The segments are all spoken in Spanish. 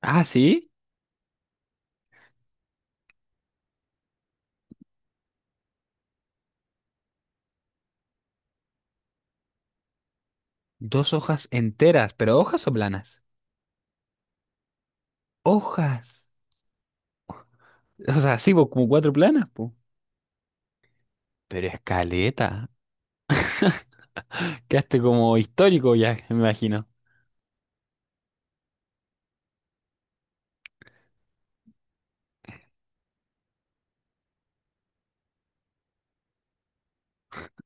Ah, sí. Dos hojas enteras, pero hojas o planas. Hojas. O sea, sí, pues como cuatro planas, pues. Pero escaleta. Quedaste como histórico ya, me imagino.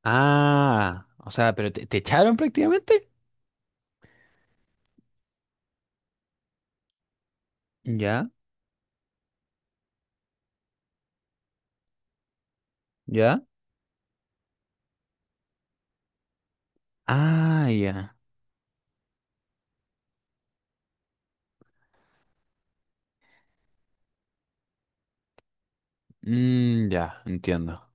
Ah, o sea, pero te echaron prácticamente. Ya, ya. Ah, ya. Mm, ya, entiendo.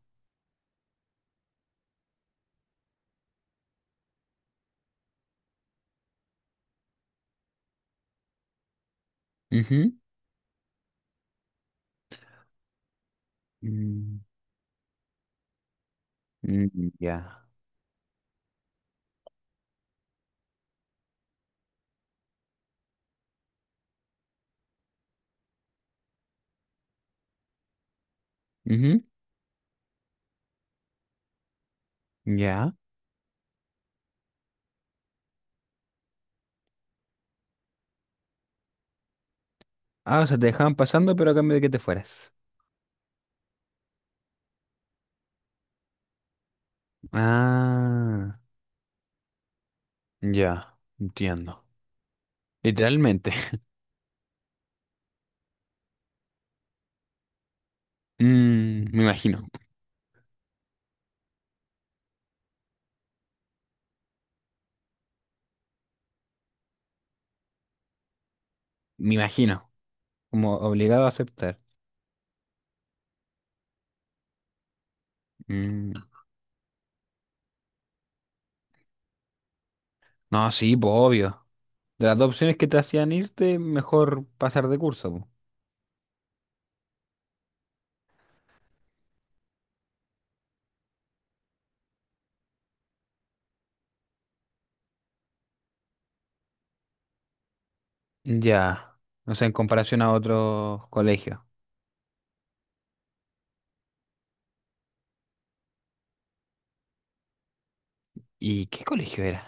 Ujú. Mm, mm, ya. Ujú, ya. Ah, o sea, te dejaban pasando, pero a cambio de que te fueras. Ah, ya, entiendo. Literalmente. Mm, me imagino, como obligado a aceptar. Mm, no, sí, pues obvio. De las dos opciones que te hacían irte, mejor pasar de curso, po. Ya, no sé, en comparación a otros colegios. ¿Y qué colegio era?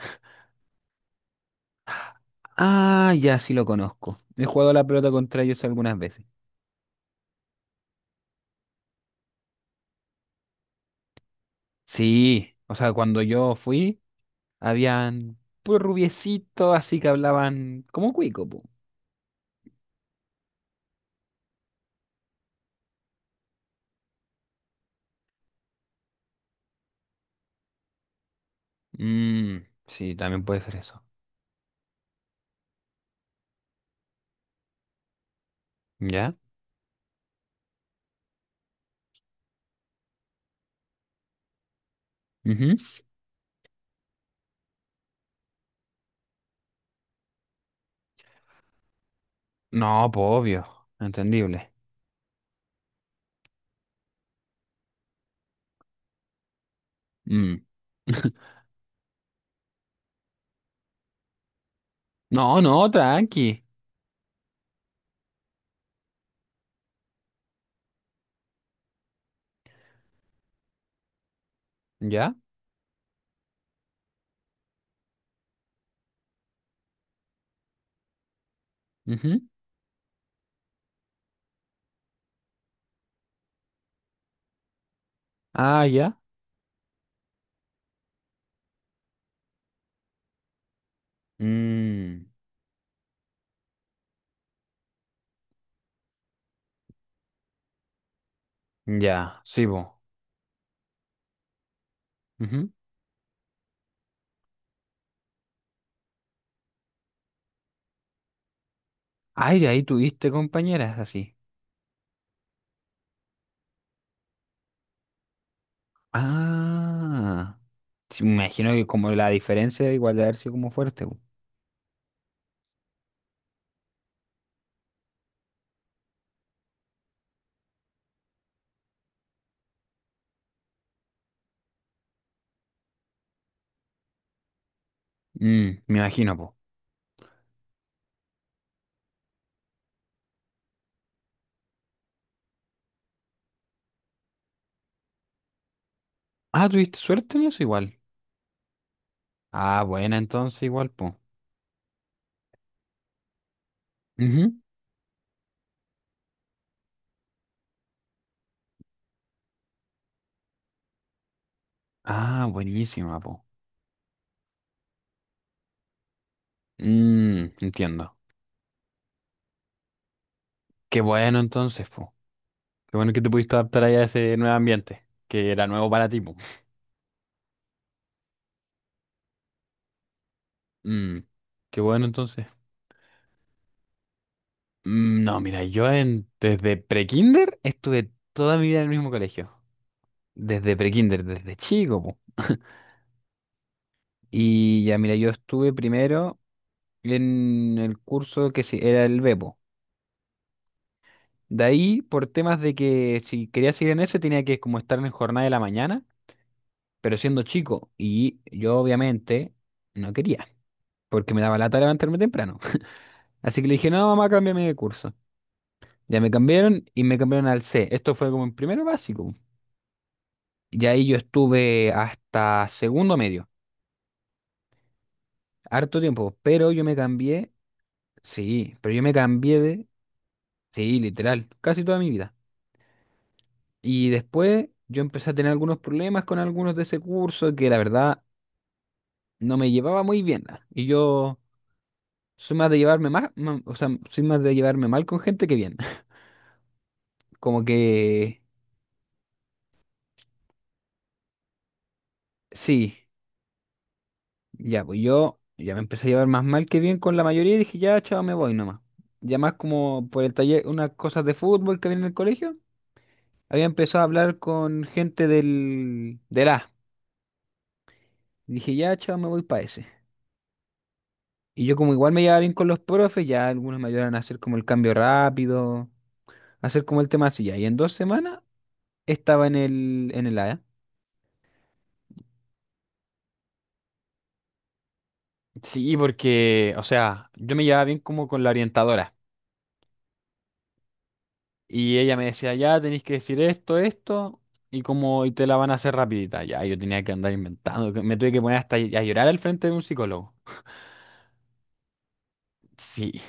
Ah, ya sí lo conozco. He jugado a la pelota contra ellos algunas veces. Sí, o sea, cuando yo fui, habían pues rubiecitos, así que hablaban como cuico, po. Mm, sí, también puede ser eso. ¿Ya? Ujú. No, pues obvio, entendible. Mm. No, no, tranqui. ¿Ya? Ujú. Ah, ya. Mm, ya, sí, vos. Ay, de ahí tuviste compañeras así. Ah, sí, me imagino que como la diferencia igual de haber sido como fuerte, po. Mm, me imagino, po. Ah, tuviste suerte en eso igual. Ah, buena, entonces igual, po. Ujú. Ah, buenísima, po. Mm, entiendo. Qué bueno entonces, po. Qué bueno que te pudiste adaptar ahí a ese nuevo ambiente, que era nuevo para ti, po. Mm, qué bueno entonces. Mm, no, mira, yo desde prekinder estuve toda mi vida en el mismo colegio. Desde prekinder, desde chico, po. Y ya, mira, yo estuve primero en el curso que era el Bepo. De ahí, por temas de que si quería seguir en ese, tenía que como estar en jornada de la mañana, pero siendo chico. Y yo obviamente no quería, porque me daba lata levantarme temprano. Así que le dije, no, mamá, cámbiame de curso. Ya me cambiaron y me cambiaron al C. Esto fue como en primero básico. Y ahí yo estuve hasta segundo medio, harto tiempo. Pero yo me cambié, sí, pero yo me cambié de, sí, literal, casi toda mi vida. Y después yo empecé a tener algunos problemas con algunos de ese curso que la verdad no me llevaba muy bien. Ah. Y yo soy más de llevarme más, o sea, soy más de llevarme mal con gente que bien. Como que, sí. Ya, pues yo ya me empecé a llevar más mal que bien con la mayoría y dije, ya, chao, me voy nomás. Ya más como por el taller, unas cosas de fútbol que había en el colegio, había empezado a hablar con gente del A. Dije, ya, chao, me voy para ese. Y yo como igual me llevaba bien con los profes, ya algunos me ayudaron a hacer como el cambio rápido, a hacer como el tema así ya. Y en dos semanas estaba en el A. Sí, porque, o sea, yo me llevaba bien como con la orientadora. Y ella me decía, ya tenéis que decir esto, esto, y como y te la van a hacer rapidita. Ya, yo tenía que andar inventando, que me tuve que poner hasta a llorar al frente de un psicólogo. Sí,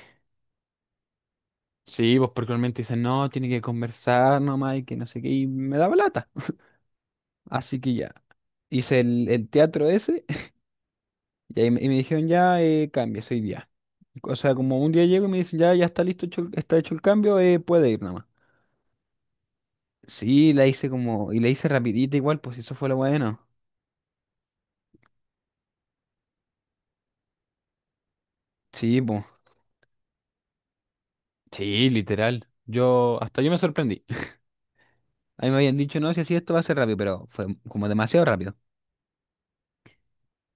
sí, pues porque normalmente dicen, no, tiene que conversar nomás y que no sé qué, y me daba lata. Así que ya, hice el teatro ese, y ahí me, y me dijeron, ya, cambies hoy día. O sea, como un día llego y me dicen, ya, ya está listo, está hecho el cambio, puede ir nomás. Sí, la hice como, y la hice rapidita igual, pues eso fue lo bueno. Sí, pues. Sí, literal. Yo, hasta yo me sorprendí. A mí me habían dicho, no, si así esto va a ser rápido, pero fue como demasiado rápido.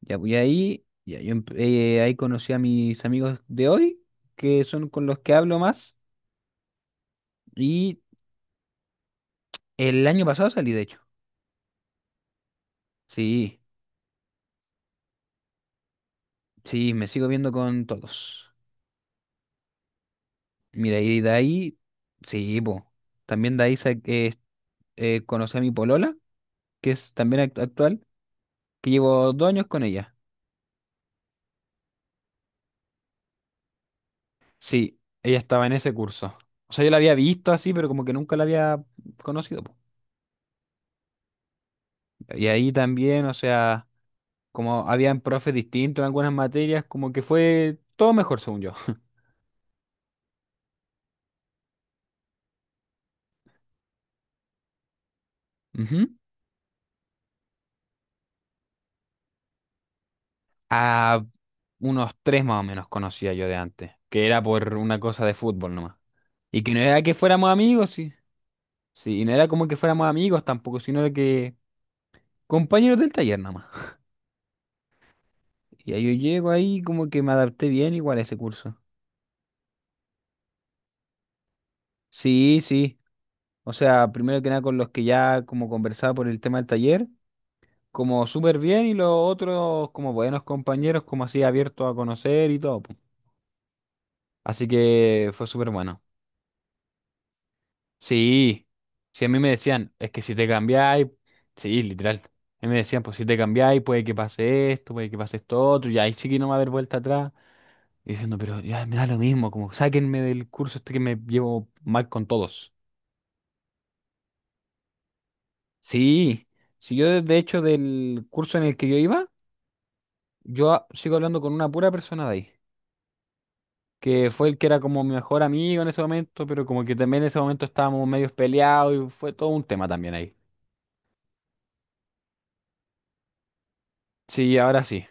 Ya, voy ahí, ya, yo ahí conocí a mis amigos de hoy, que son con los que hablo más, y el año pasado salí, de hecho. Sí, sí, me sigo viendo con todos. Mira, y de ahí, sí, po. También de ahí conocí a mi polola, que es también actual, que llevo dos años con ella. Sí, ella estaba en ese curso. O sea, yo la había visto así, pero como que nunca la había conocido, po. Y ahí también, o sea, como habían profes distintos en algunas materias, como que fue todo mejor, según yo. Ujú. A unos tres más o menos conocía yo de antes, que era por una cosa de fútbol nomás. Y que no era que fuéramos amigos, sí. Sí, y no era como que fuéramos amigos tampoco, sino era que compañeros del taller nomás. Y ahí yo llego ahí, como que me adapté bien igual a ese curso. Sí, sí. O sea, primero que nada con los que ya como conversaba por el tema del taller, como súper bien y los otros como buenos compañeros, como así abiertos a conocer y todo, po. Así que fue súper bueno. Sí, sí, a mí me decían, es que si te cambiáis, sí, literal. A mí me decían, pues si te cambiáis, puede que pase esto, puede que pase esto otro, y ahí sí que no va a haber vuelta atrás. Y diciendo, pero ya me da lo mismo, como sáquenme del curso este que me llevo mal con todos. Sí, si yo de hecho del curso en el que yo iba. Yo sigo hablando con una pura persona de ahí, que fue el que era como mi mejor amigo en ese momento, pero como que también en ese momento estábamos medios peleados y fue todo un tema también ahí. Sí, ahora sí.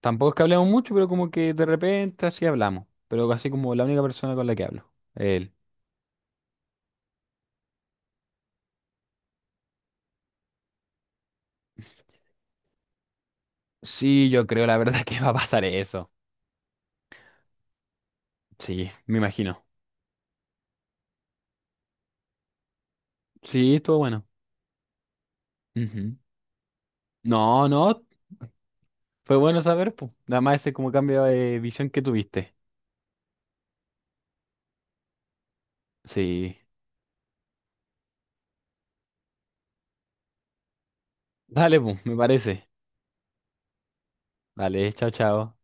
Tampoco es que hablemos mucho, pero como que de repente así hablamos. Pero así como la única persona con la que hablo, él. Sí, yo creo la verdad que va a pasar eso. Sí, me imagino. Sí, estuvo bueno. Ujú. No, no, fue bueno saber, pues. Nada más ese como cambio de visión que tuviste. Sí. Dale, pues, me parece. Dale, chao, chao.